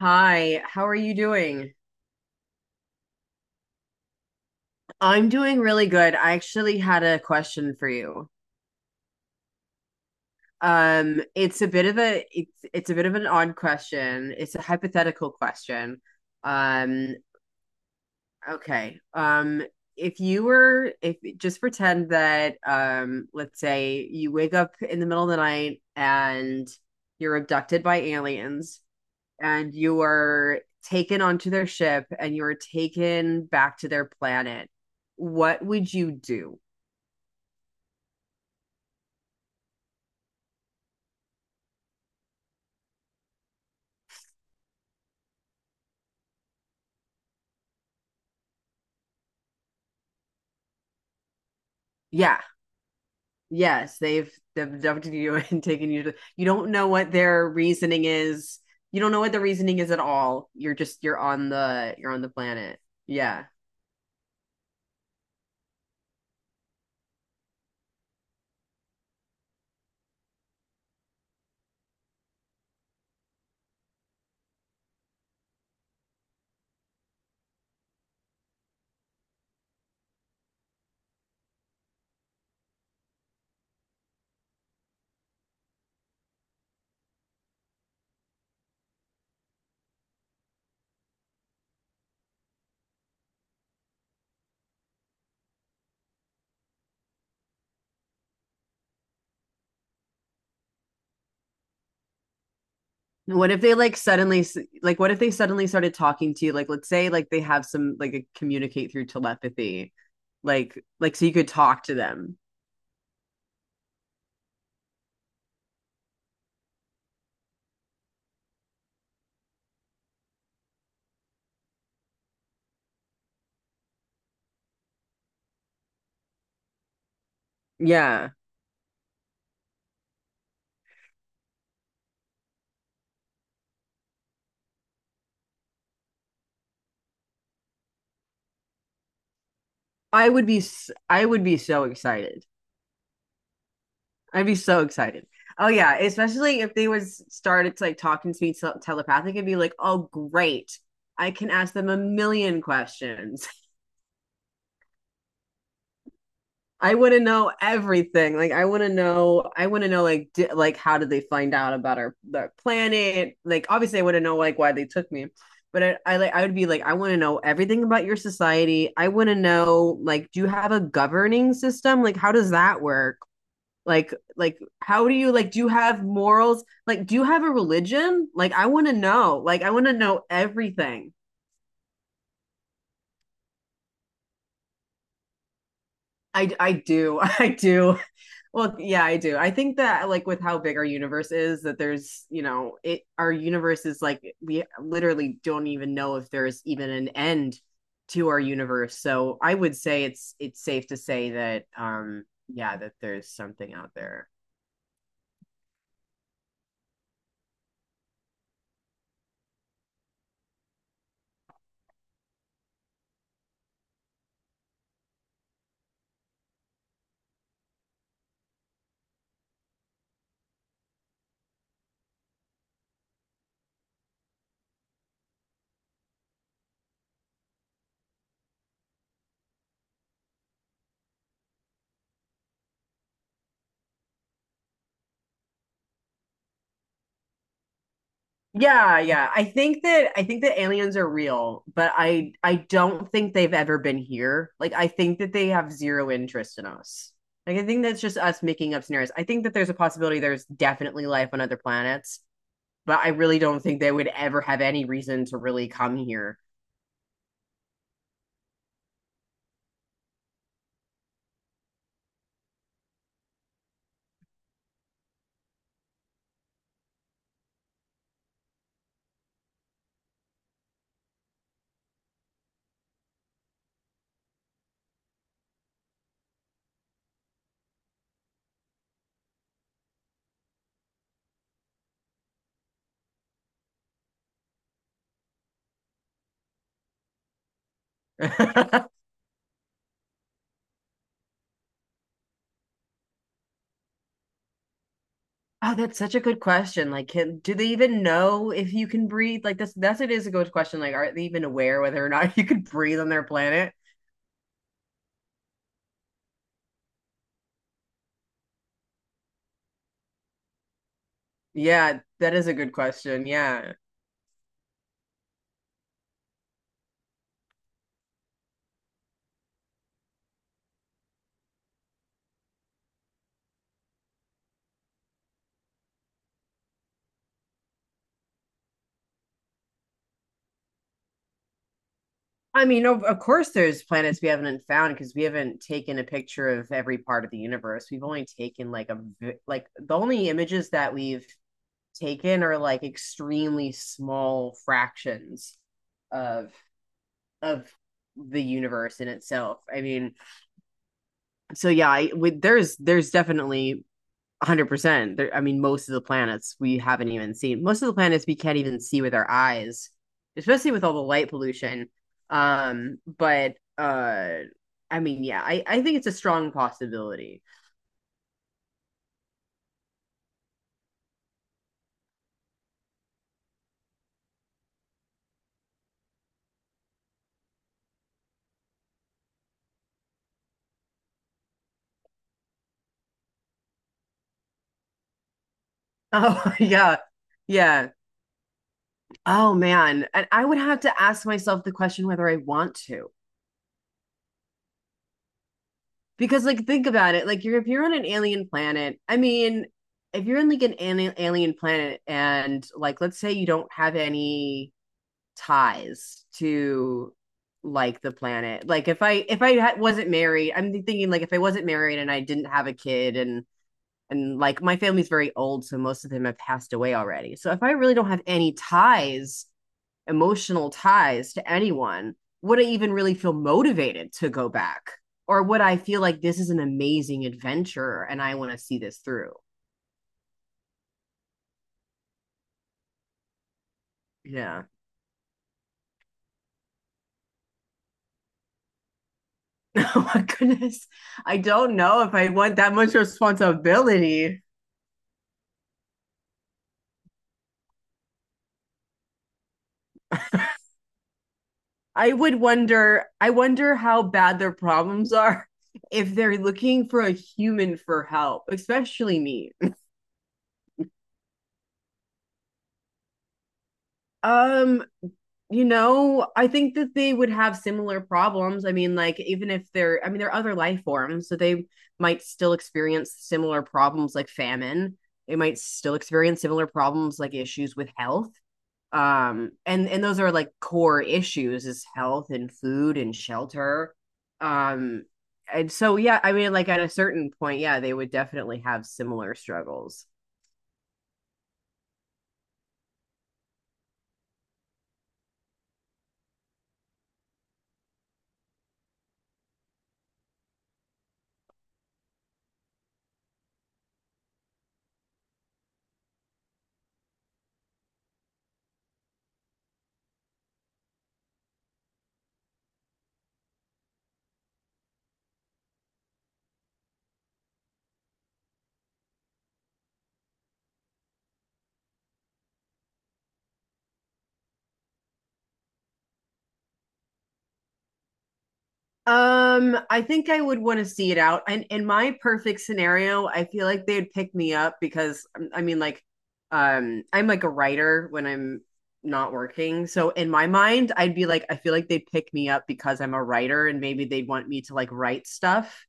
Hi, how are you doing? I'm doing really good. I actually had a question for you. It's a bit of an odd question. It's a hypothetical question. Um, okay. If you were if just pretend that let's say you wake up in the middle of the night and you're abducted by aliens. And you were taken onto their ship and you were taken back to their planet, what would you do? Yeah. Yes, they've abducted you and taken you to you don't know what their reasoning is. You don't know what the reasoning is at all. You're on the planet. Yeah. What if they like suddenly what if they suddenly started talking to you, like, let's say, like, they have some, like, a communicate through telepathy. Like so you could talk to them. Yeah. I would be I would be so excited. I'd be so excited. Oh yeah, especially if they was started to like talking to me, telepathic, and be like, "Oh great. I can ask them a million questions." I want to know everything. Like, I want to know, like, like how did they find out about our planet? Like, obviously, I want to know like why they took me. But I like I would be like, I want to know everything about your society. I want to know, like, do you have a governing system? Like, how does that work? Like, how do you, like, do you have morals, like, do you have a religion? Like I want to know everything. I do. I do. Well, yeah, I do. I think that, like, with how big our universe is, that there's, it our universe is like, we literally don't even know if there's even an end to our universe. So I would say it's safe to say that, yeah, that there's something out there. Yeah, yeah. I think that aliens are real, but I don't think they've ever been here. Like, I think that they have zero interest in us. Like, I think that's just us making up scenarios. I think that there's a possibility, there's definitely life on other planets, but I really don't think they would ever have any reason to really come here. Oh, that's such a good question. Like, can do they even know if you can breathe? Like, that's it, is a good question. Like, are they even aware whether or not you could breathe on their planet? Yeah, that is a good question. Yeah. I mean, of course, there's planets we haven't found because we haven't taken a picture of every part of the universe. We've only taken like like the only images that we've taken are like extremely small fractions of of the universe in itself. I mean, so yeah, I would there's definitely 100%. I mean, most of the planets we haven't even seen. Most of the planets we can't even see with our eyes, especially with all the light pollution. But I mean, yeah, I think it's a strong possibility. Oh yeah, yeah. Oh man, and I would have to ask myself the question whether I want to, because, like, think about it, like you're if you're on an alien planet. I mean, if you're on like an alien planet, and, like, let's say you don't have any ties to, like, the planet. Like, if I wasn't married. I'm thinking, like, if I wasn't married and I didn't have a kid, and like my family's very old, so most of them have passed away already. So if I really don't have any ties, emotional ties to anyone, would I even really feel motivated to go back? Or would I feel like this is an amazing adventure and I want to see this through? Yeah. Oh my goodness. I don't know if I want that much responsibility. I wonder how bad their problems are if they're looking for a human for help, especially me. Um, I think that they would have similar problems. I mean, like, even if I mean, they're other life forms, so they might still experience similar problems like famine. They might still experience similar problems like issues with health. And those are, like, core issues, is health and food and shelter. um and so, yeah, I mean, like, at a certain point, yeah, they would definitely have similar struggles. I think I would want to see it out, and in my perfect scenario I feel like they'd pick me up because, I mean, like, I'm like a writer when I'm not working, so in my mind I'd be like I feel like they'd pick me up because I'm a writer, and maybe they'd want me to, like, write stuff.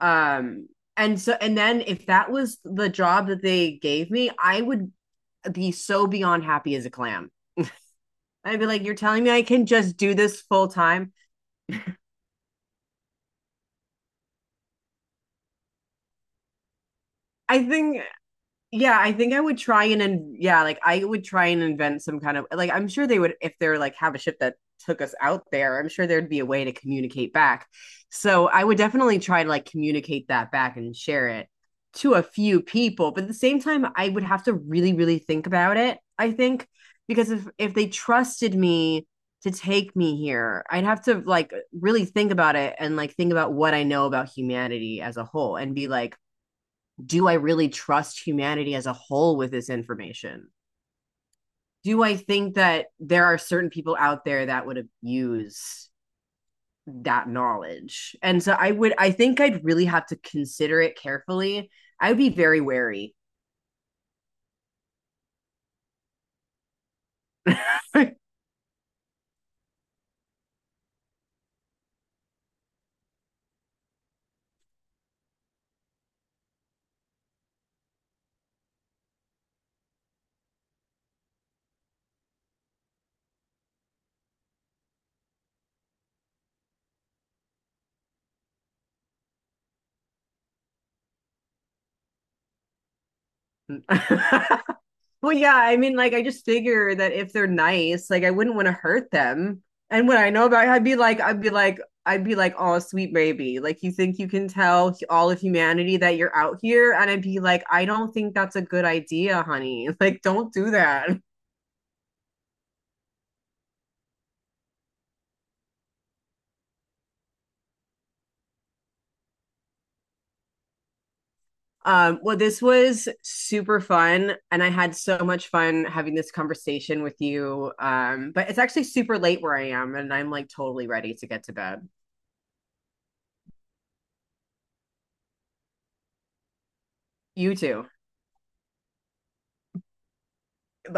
Um, and so, and then if that was the job that they gave me, I would be so beyond happy as a clam. I'd be like, you're telling me I can just do this full time? I think Yeah, I think I would try and in, yeah, like I would try and invent some kind of, like, I'm sure they would, if they're like have a ship that took us out there, I'm sure there'd be a way to communicate back. So I would definitely try to, like, communicate that back and share it to a few people, but at the same time I would have to really really think about it, I think, because if they trusted me to take me here, I'd have to, like, really think about it, and, like, think about what I know about humanity as a whole and be like, do I really trust humanity as a whole with this information? Do I think that there are certain people out there that would abuse that knowledge? And so, I think I'd really have to consider it carefully. I would be very wary. Well, yeah, I mean, like, I just figure that if they're nice, like, I wouldn't want to hurt them. And what I know about it, I'd be like, oh, sweet baby. Like, you think you can tell all of humanity that you're out here? And I'd be like, I don't think that's a good idea, honey. Like, don't do that. Well, this was super fun, and I had so much fun having this conversation with you. But it's actually super late where I am, and I'm like totally ready to get to bed. You too.